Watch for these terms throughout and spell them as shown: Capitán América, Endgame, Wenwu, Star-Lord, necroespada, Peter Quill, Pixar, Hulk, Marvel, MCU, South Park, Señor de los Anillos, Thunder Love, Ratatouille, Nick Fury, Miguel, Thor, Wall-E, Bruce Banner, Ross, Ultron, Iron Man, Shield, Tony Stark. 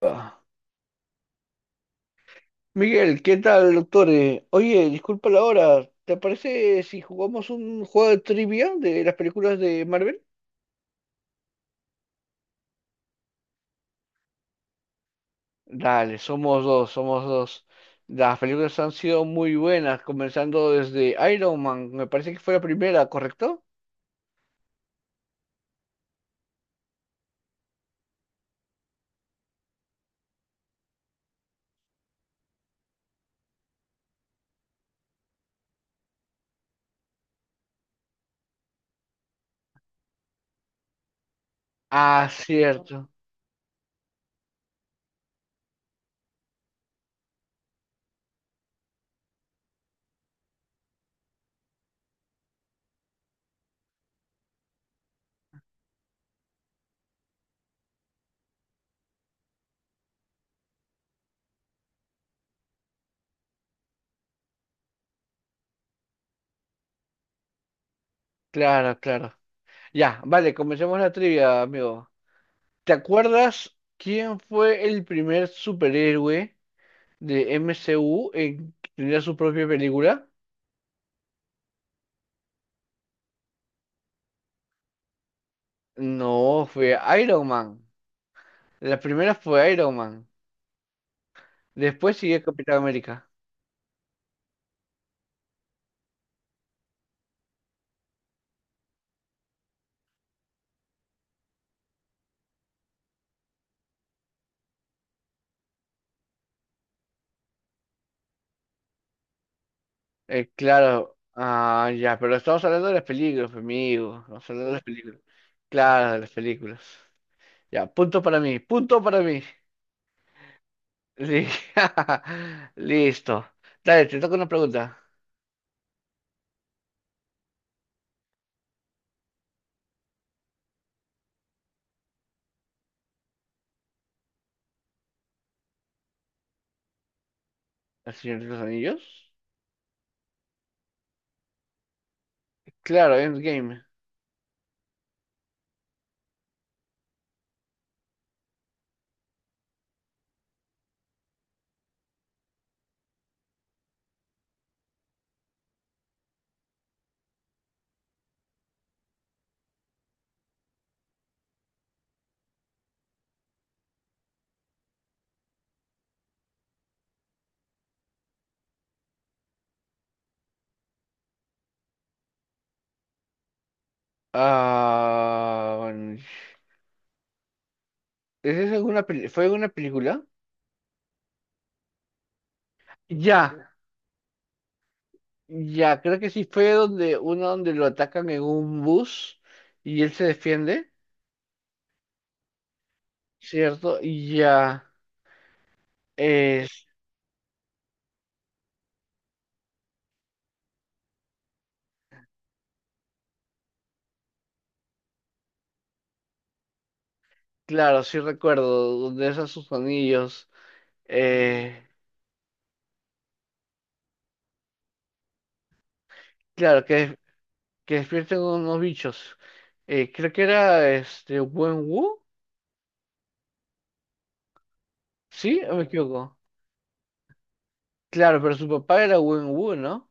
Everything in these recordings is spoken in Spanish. Ah, Miguel, ¿qué tal, doctor? Oye, disculpa la hora. ¿Te parece si jugamos un juego de trivia de las películas de Marvel? Dale, somos dos, somos dos. Las películas han sido muy buenas, comenzando desde Iron Man. Me parece que fue la primera, ¿correcto? Ah, cierto. Claro, claro. Ya, vale, comencemos la trivia, amigo. ¿Te acuerdas quién fue el primer superhéroe de MCU en tener su propia película? No, fue Iron Man. La primera fue Iron Man. Después sigue Capitán América. Claro. Ah, ya, pero estamos hablando de las películas, pues, amigo. Estamos hablando de las películas. Claro, de las películas. Ya, punto para mí, punto para mí. Li- Listo. Dale, te toca una pregunta. ¿El Señor de los Anillos? Claro, Endgame. Ah, bueno, ¿es esa alguna peli- ¿Fue una película? Ya. Ya, creo que sí fue donde uno donde lo atacan en un bus y él se defiende, ¿cierto? Y ya, es claro, sí recuerdo, donde es sus anillos, eh, claro, que despierten unos bichos. Creo que era este Wenwu, ¿sí? ¿O me equivoco? Claro, pero su papá era Wenwu, ¿no?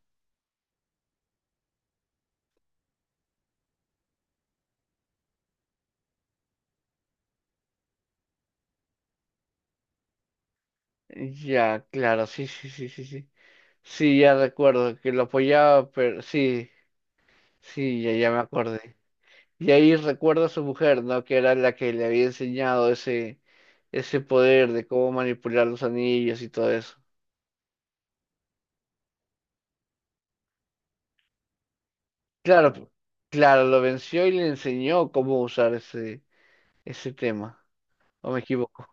Ya, claro, sí, sí, sí, sí, sí. Sí, ya recuerdo que lo apoyaba, pero sí, sí, ya, ya me acordé. Y ahí recuerda a su mujer, ¿no? Que era la que le había enseñado ese poder de cómo manipular los anillos y todo eso. Claro, p- claro, lo venció y le enseñó cómo usar ese tema. ¿O me equivoco?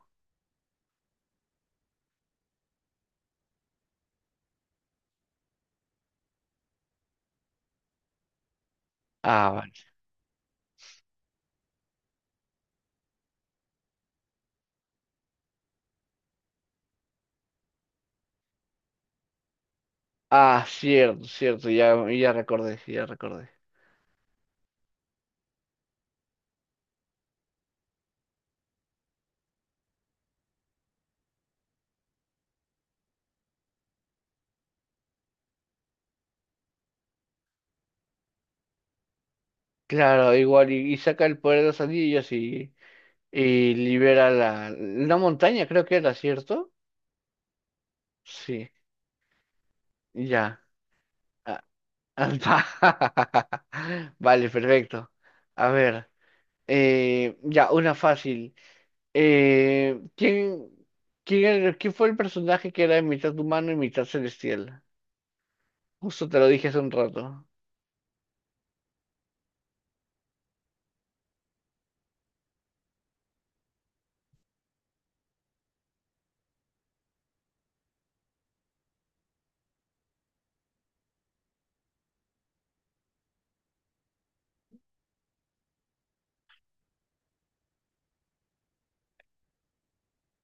Ah, vale. Ah, cierto, cierto, ya, ya recordé, ya recordé. Claro, igual, y saca el poder de los anillos y libera la montaña, creo que era, ¿cierto? Sí, ya. Ah, vale, perfecto. A ver, ya, una fácil. Eh, ¿quién, ¿quién fue el personaje que era mitad humano y mitad celestial? Justo te lo dije hace un rato.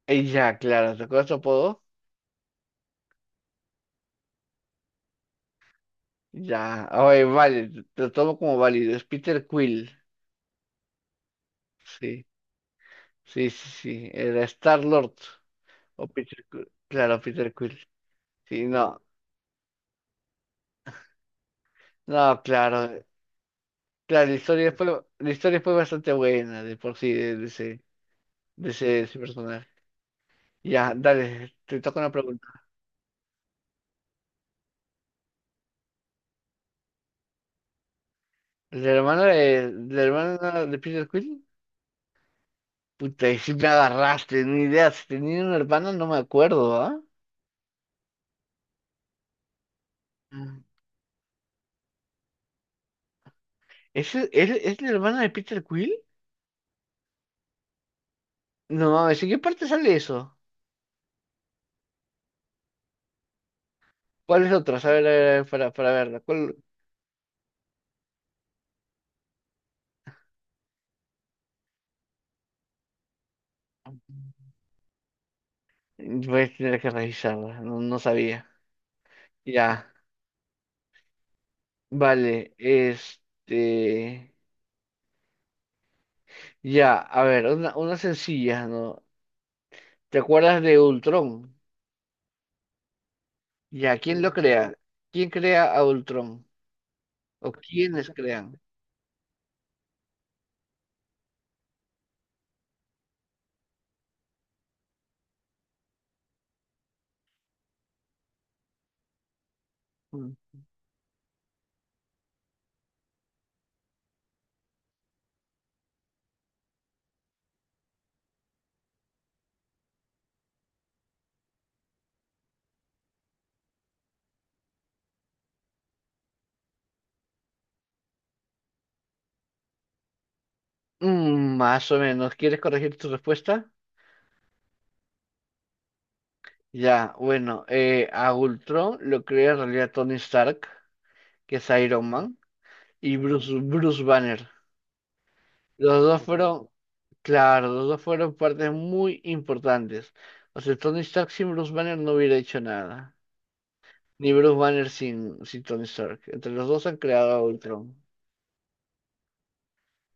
Ya, claro, ¿te acuerdas su apodo? Ya, oye, vale, te lo tomo como válido. Es Peter Quill. Sí, sí, sí, sí. Era Star-Lord. O Peter Quill. Claro, Peter Quill. Sí, no. No, claro. Claro, la historia fue bastante buena de por sí, de ese personaje. Ya, dale, te toca una pregunta. ¿La hermana de Peter Quill? Puta, y si me agarraste, ni idea. Si tenía una hermana, no me acuerdo, ¿ah? Mm. Es la hermana de Peter Quill? No mames, ¿en qué parte sale eso? ¿Cuál es otra? A ver, a ver, a ver, para verla. ¿Cuál? Voy a tener que revisarla, no, no sabía. Ya, vale, este. Ya, a ver, una sencilla, ¿no? ¿Te acuerdas de Ultron? Ya, ¿quién lo crea? ¿Quién crea a Ultron? ¿O quiénes crean? Mm, más o menos. ¿Quieres corregir tu respuesta? Ya, bueno, a Ultron lo crea en realidad Tony Stark, que es Iron Man, y Bruce, Bruce Banner. Los dos fueron, claro, los dos fueron partes muy importantes. O sea, Tony Stark sin Bruce Banner no hubiera hecho nada. Ni Bruce Banner sin, sin Tony Stark. Entre los dos han creado a Ultron.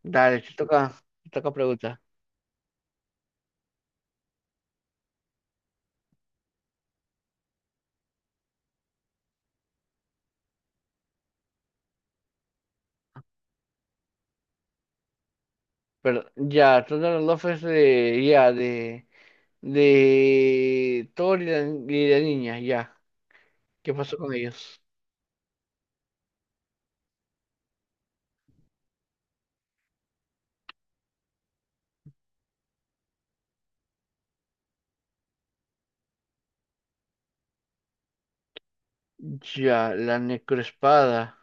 Dale, te toca pregunta. Pero ya, Thunder Love es de, ya, de Thor y la niña, ya. ¿Qué pasó con ellos? Ya, la necroespada.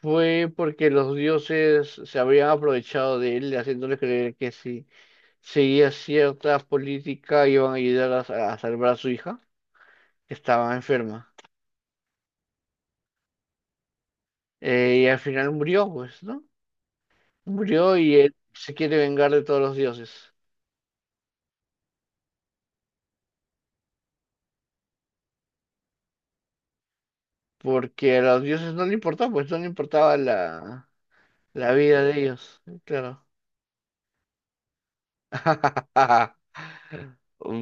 Fue porque los dioses se habían aprovechado de él, haciéndole creer que si seguía cierta política iban a ayudar a salvar a su hija, que estaba enferma. Y al final murió, pues, ¿no? Murió y él se quiere vengar de todos los dioses, porque a los dioses no le importaba, pues no le importaba la vida de ellos, claro.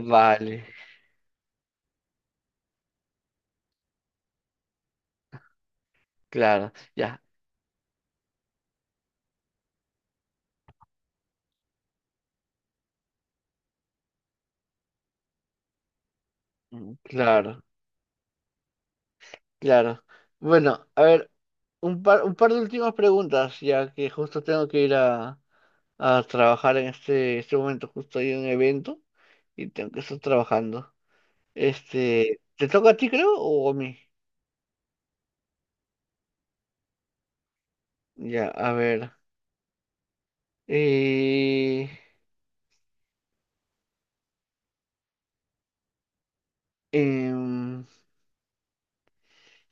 Vale, claro, ya, mm, claro, claro. Bueno, a ver, un par de últimas preguntas, ya que justo tengo que ir a trabajar en este, este momento, justo hay un evento y tengo que estar trabajando. Este, ¿te toca a ti, creo, o a mí? Ya, a ver. Eh, Em,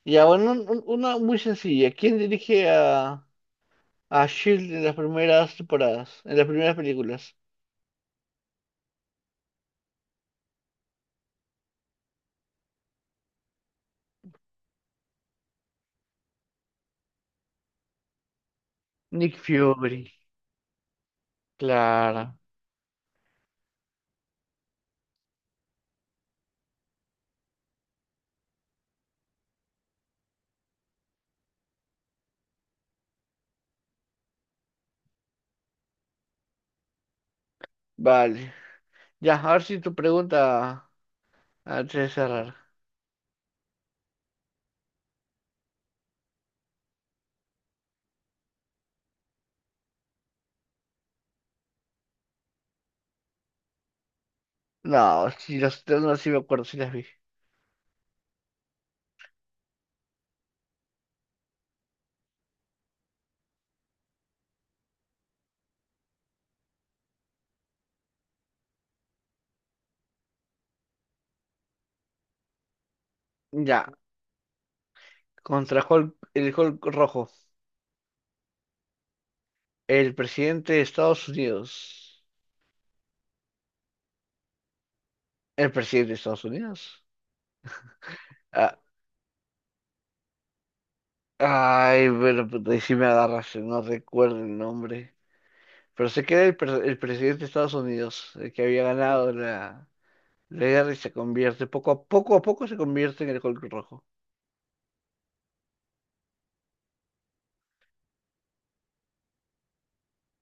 ya, bueno, una muy sencilla. ¿Quién dirige a Shield en las primeras temporadas, en las primeras películas? Nick Fury, claro. Vale. Ya, a ver si tu pregunta antes de cerrar. No, si las no, sí me acuerdo, sí las vi. Ya, contra Hulk, el Hulk rojo. El presidente de Estados Unidos. El presidente de Estados Unidos. Ah, ay, bueno, puta, ahí sí me agarras, no recuerdo el nombre. Pero se queda el presidente de Estados Unidos, el que había ganado la guerra y se convierte, poco a poco a poco se convierte en el Hulk rojo.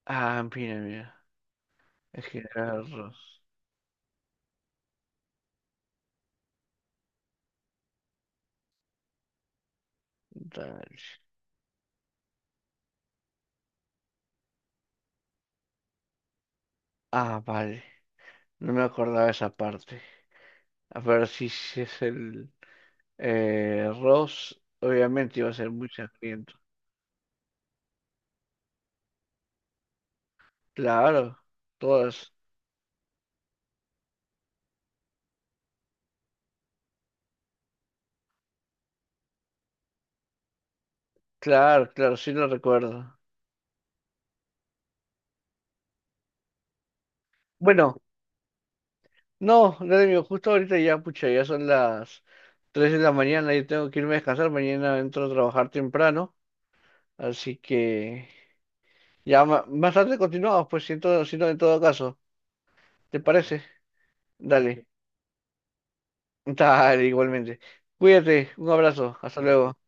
Ah, mira, mira. Es que era Ross. Dale. Ah, vale. No me acordaba esa parte. A ver si, si es el Ross, obviamente iba a ser muy sangriento. Claro, todas. Claro, claro, sí lo recuerdo. Bueno. No, no, amigo, justo ahorita ya, pucha, ya son las 3 de la mañana y tengo que irme a descansar. Mañana entro a trabajar temprano, así que ya más tarde continuamos, pues siento, si no en todo caso. ¿Te parece? Dale, dale, igualmente. Cuídate, un abrazo, hasta luego.